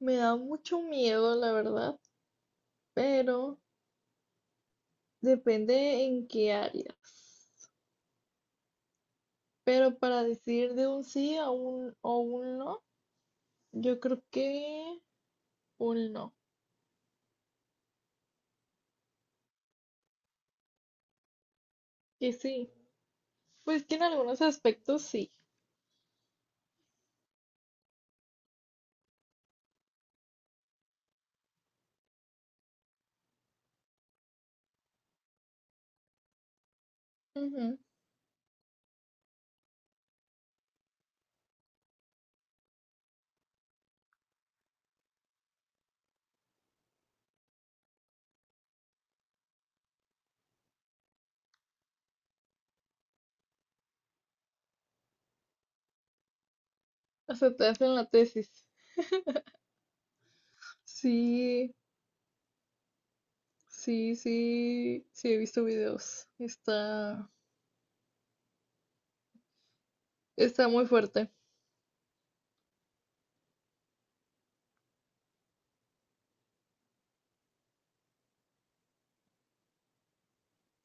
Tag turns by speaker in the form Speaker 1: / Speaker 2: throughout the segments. Speaker 1: Me da mucho miedo, la verdad, pero depende en qué áreas. Pero para decir de un sí a un o un no, yo creo que un no. Que sí. Pues que en algunos aspectos sí. Ujú. O sea, te hacen la tesis. Sí, sí, sí, sí, he visto videos. Está muy fuerte.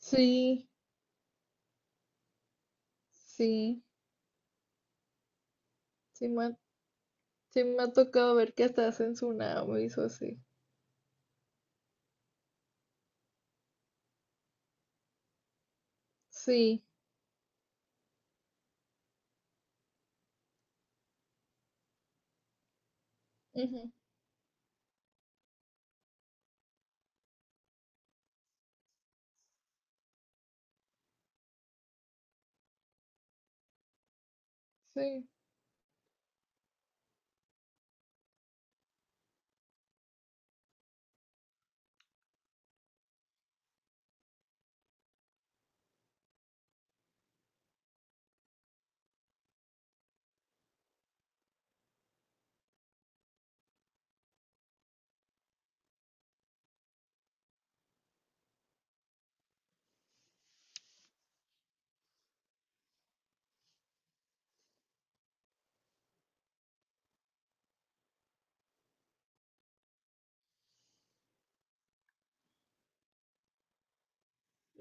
Speaker 1: Sí, sí, sí, sí me ha tocado ver que hasta hacen tsunamis o así. Sí. Sí.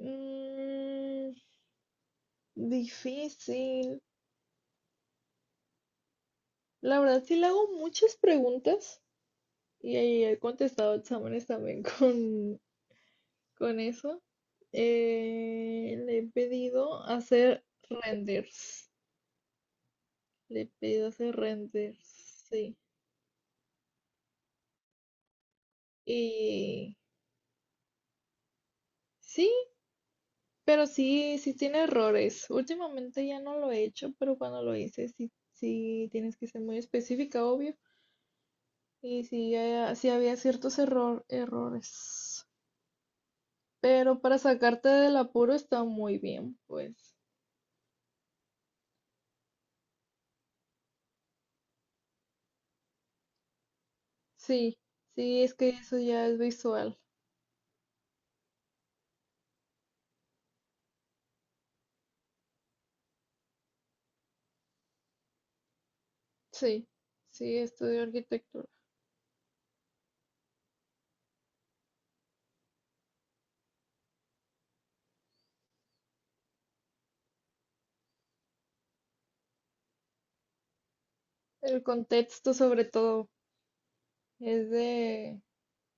Speaker 1: Mm, difícil. La verdad, sí le hago muchas preguntas y ahí he contestado exámenes también con eso. Le he pedido hacer renders. Le he pedido hacer renders, sí. Y sí, pero sí, tiene errores. Últimamente ya no lo he hecho, pero cuando lo hice, sí, tienes que ser muy específica, obvio. Y sí, sí había ciertos errores. Pero para sacarte del apuro está muy bien, pues. Sí, sí, es que eso ya es visual. Sí, sí, estudio arquitectura. El contexto sobre todo es de,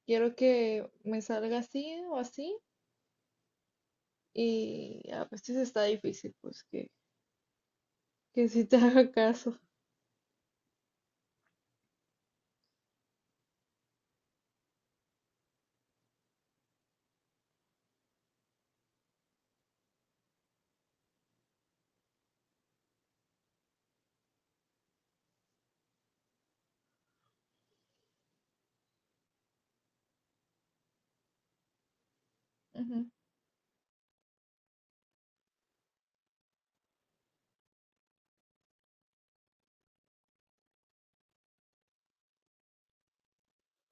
Speaker 1: quiero que me salga así o así. Y a veces está difícil, pues que sí te haga caso. Ujú,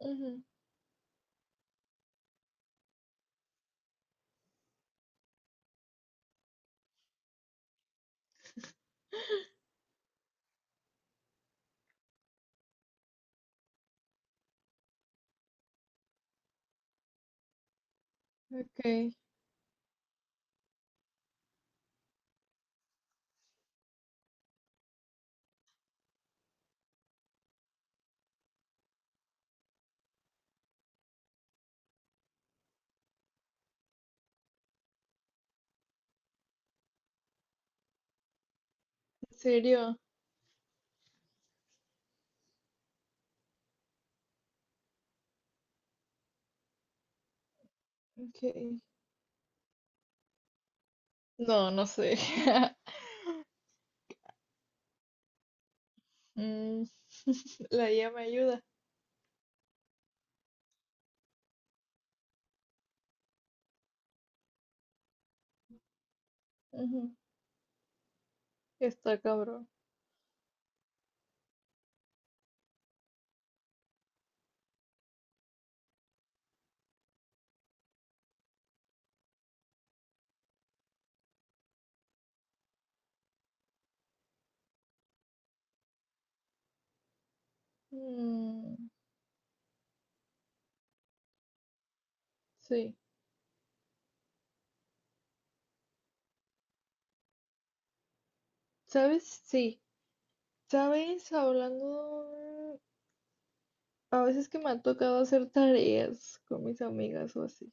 Speaker 1: ujú. Ok, ¿en serio? Ok. No, no sé. Mm, la IA me ayuda. Ujú. Está cabrón. Mm, sí. ¿Sabes? Sí. ¿Sabes? Hablando, a veces que me ha tocado hacer tareas con mis amigas o así.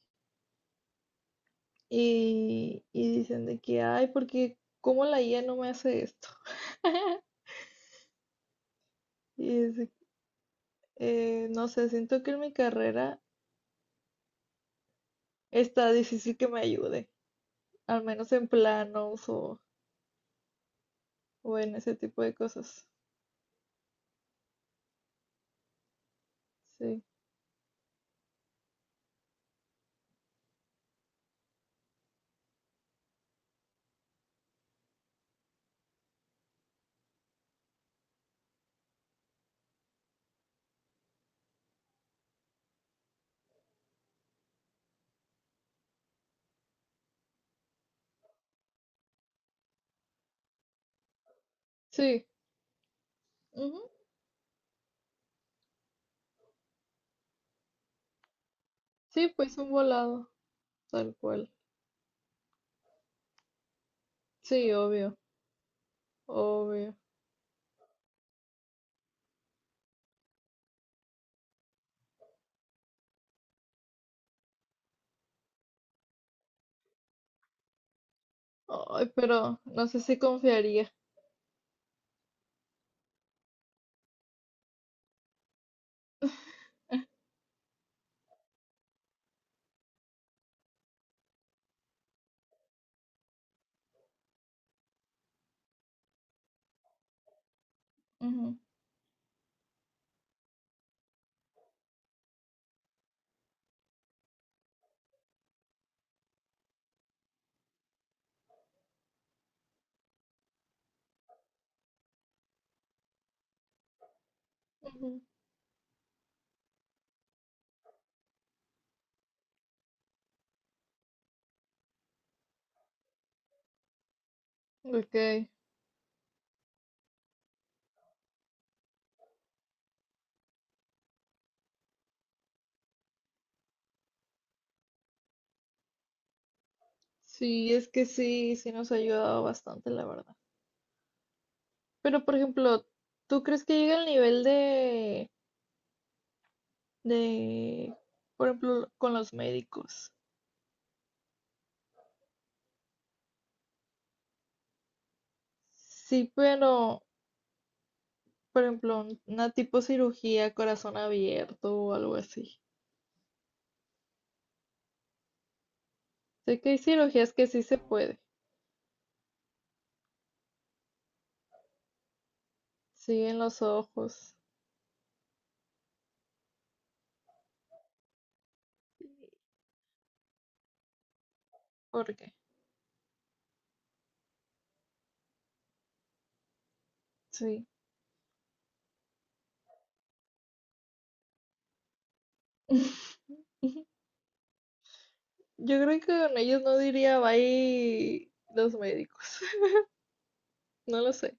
Speaker 1: Y dicen de que, ay, porque ¿cómo la IA no me hace esto? Y es de- que no sé, siento que en mi carrera está difícil que me ayude, al menos en o en ese tipo de cosas. Sí. Sí. Sí, pues un volado, tal cual. Sí, obvio. Ay, pero no sé si confiaría. Ujú, ujú. Ok. Sí, es que sí, sí nos ha ayudado bastante, la verdad. Pero, por ejemplo, ¿tú crees que llega al nivel de, por ejemplo, con los médicos? Sí, pero, por ejemplo, una tipo cirugía, corazón abierto o algo así. Sé que hay cirugías que sí se puede. Sí, en los ojos. ¿Por qué? Sí. Yo creo que con ellos no diría bye los médicos. No lo sé.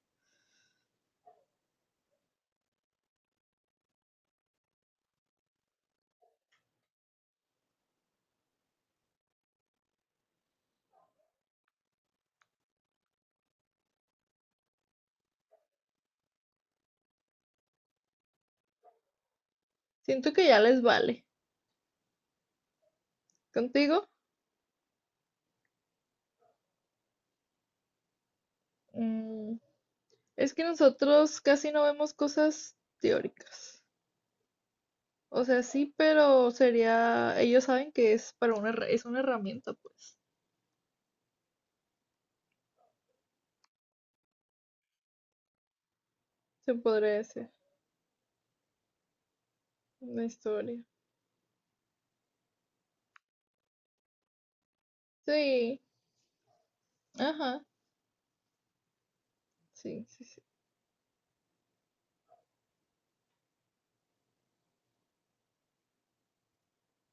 Speaker 1: Siento que ya les vale. ¿Contigo? Mm, es que nosotros casi no vemos cosas teóricas. O sea, sí, pero sería, ellos saben que es para una, es una herramienta, pues. Se podría decir, una historia. Sí, ajá, sí, sí, sí.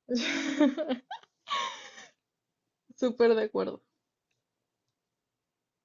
Speaker 1: Súper de acuerdo.